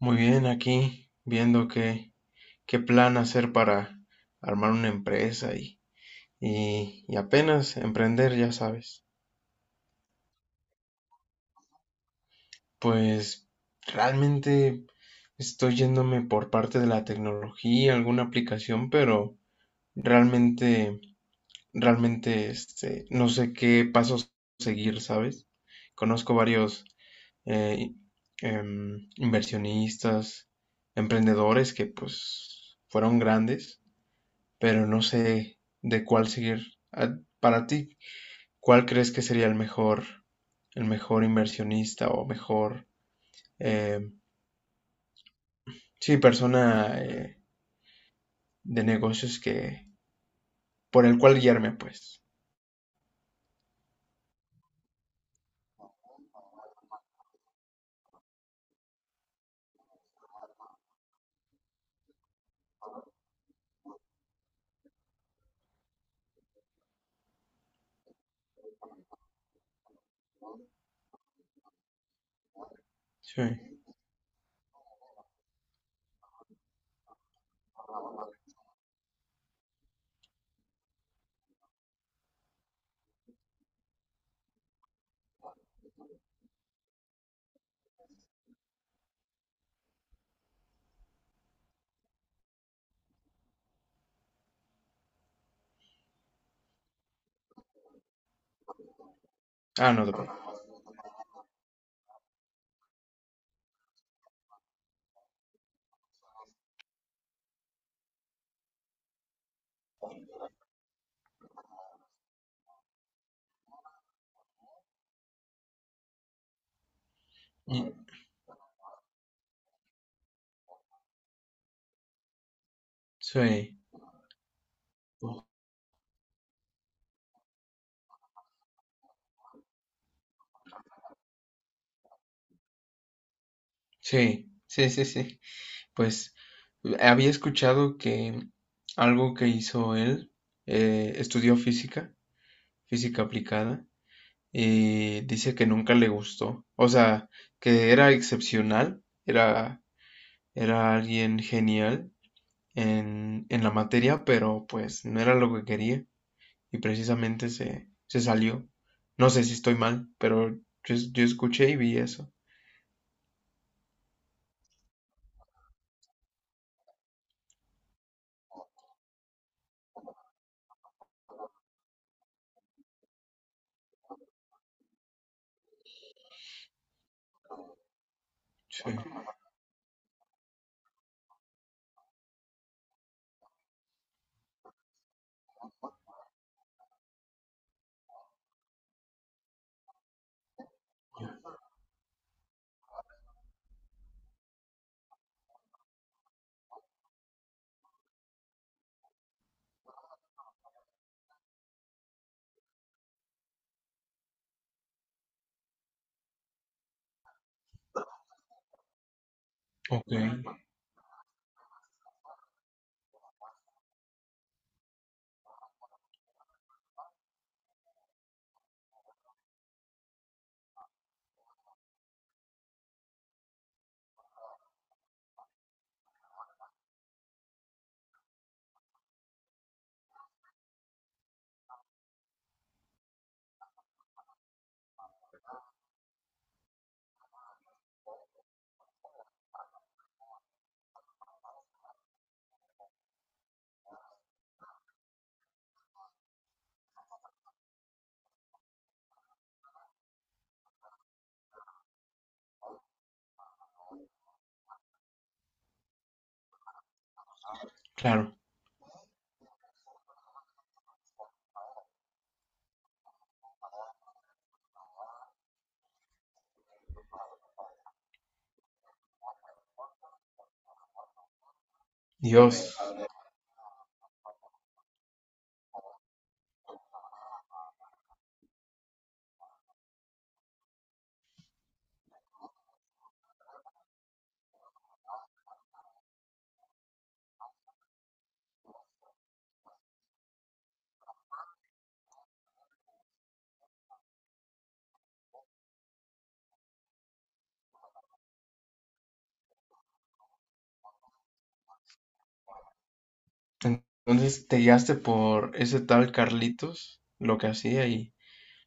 Muy bien, aquí viendo qué, qué plan hacer para armar una empresa y apenas emprender, ya sabes. Pues realmente estoy yéndome por parte de la tecnología, alguna aplicación, pero realmente, realmente este, no sé qué pasos seguir, ¿sabes? Conozco varios eh, inversionistas, emprendedores que pues fueron grandes pero no sé de cuál seguir. Ah, para ti, ¿cuál crees que sería el mejor inversionista o mejor, eh, sí, persona de negocios que, por el cual guiarme, pues? Sí. Ah, no, y- sí, sí, sí, sí, sí. Pues había escuchado que algo que hizo él, estudió física, física aplicada y dice que nunca le gustó. O sea, que era excepcional, era alguien genial en la materia, pero pues no era lo que quería y precisamente se salió. No sé si estoy mal, pero yo escuché y vi eso. Sí, ok, claro. Dios. Entonces te guiaste por ese tal Carlitos, lo que hacía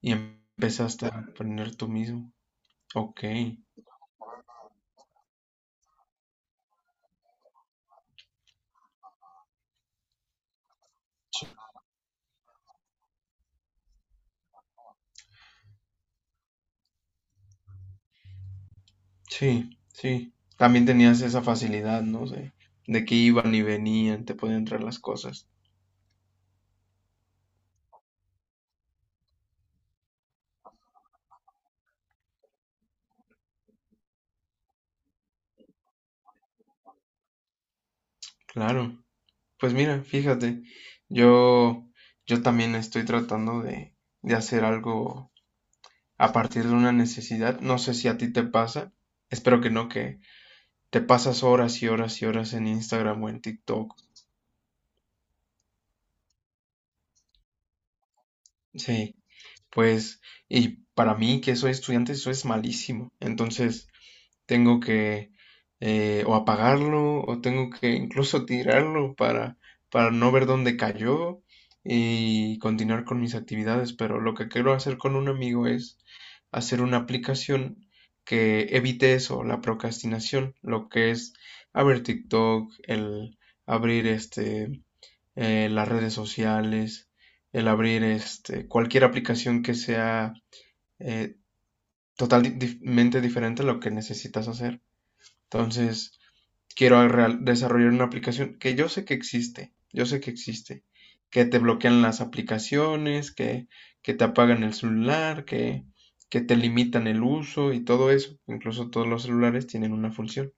y empezaste a aprender tú mismo. Ok. Sí, sí. También tenías esa facilidad, ¿no? De que iban y venían, te podían traer las cosas. Claro. Pues mira, fíjate, yo, yo también estoy tratando de hacer algo a partir de una necesidad. No sé si a ti te pasa. Espero que no, que te pasas horas y horas y horas en Instagram o en TikTok. Sí, pues, y para mí, que soy estudiante, eso es malísimo. Entonces, tengo que o apagarlo o tengo que incluso tirarlo para no ver dónde cayó y continuar con mis actividades. Pero lo que quiero hacer con un amigo es hacer una aplicación que evite eso, la procrastinación, lo que es abrir TikTok, el abrir este, las redes sociales, el abrir este, cualquier aplicación que sea eh, totalmente diferente a lo que necesitas hacer. Entonces, desarrollar una aplicación que yo sé que existe, yo sé que existe, que te bloquean las aplicaciones, que te apagan el celular, que te limitan el uso y todo eso. Incluso todos los celulares tienen una función.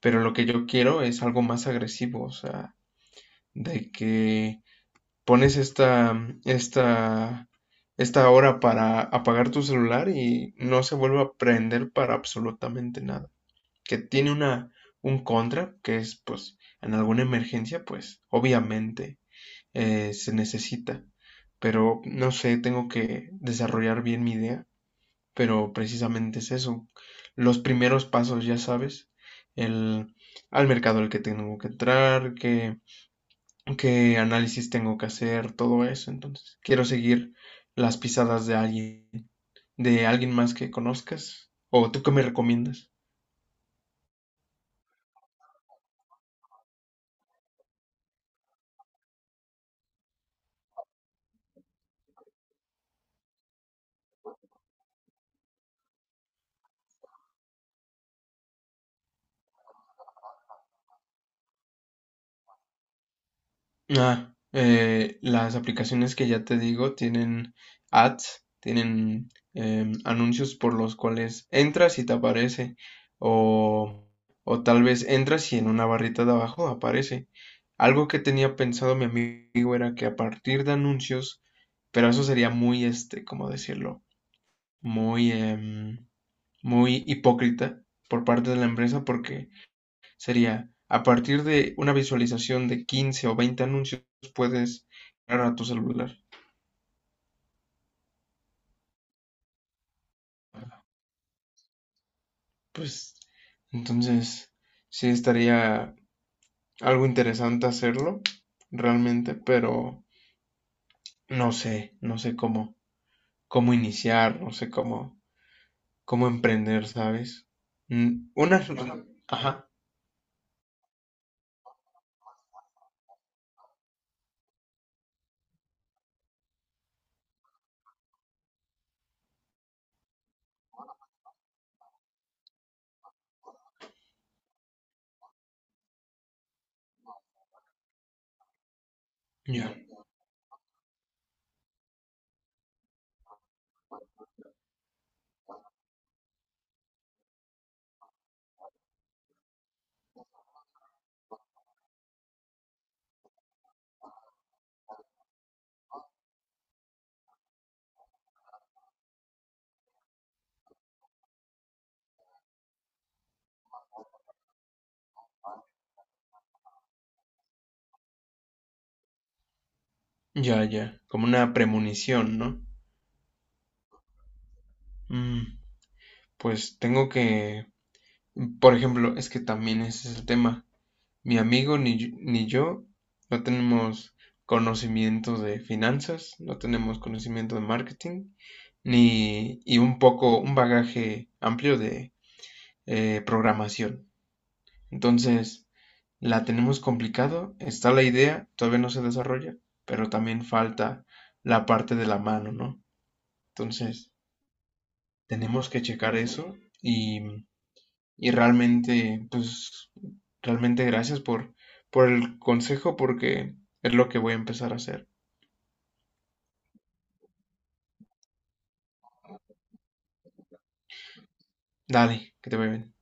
Pero lo que yo quiero es algo más agresivo, o sea, de que pones esta hora para apagar tu celular y no se vuelve a prender para absolutamente nada, que tiene una, un contra, que es pues en alguna emergencia, pues obviamente se necesita. Pero no sé, tengo que desarrollar bien mi idea, pero precisamente es eso. Los primeros pasos, ya sabes, el, al mercado al que tengo que entrar, qué, qué análisis tengo que hacer, todo eso. Entonces, quiero seguir las pisadas de alguien más que conozcas. ¿O tú qué me recomiendas? Ah, las aplicaciones que ya te digo tienen ads, tienen anuncios por los cuales entras y te aparece, o, o tal vez entras y en una barrita de abajo aparece. Algo que tenía pensado mi amigo era que a partir de anuncios, pero eso sería muy, este, ¿cómo decirlo? Muy, muy hipócrita por parte de la empresa porque sería, a partir de una visualización de 15 o 20 anuncios, puedes entrar a tu celular. Pues, entonces, sí estaría algo interesante hacerlo, realmente, pero no sé, cómo iniciar, no sé cómo, cómo emprender, ¿sabes? Mm, una, ajá, ya, ya, ya, como una premonición, ¿no? Mm, pues tengo que, por ejemplo, es que también ese es el tema. Mi amigo ni yo no tenemos conocimiento de finanzas, no tenemos conocimiento de marketing, ni y un poco, un bagaje amplio de programación. Entonces, la tenemos complicado, está la idea, todavía no se desarrolla, pero también falta la parte de la mano, ¿no? Entonces, tenemos que checar eso y. Y realmente, pues, realmente gracias por el consejo porque es lo que voy a empezar a hacer. Dale, que te vaya bien.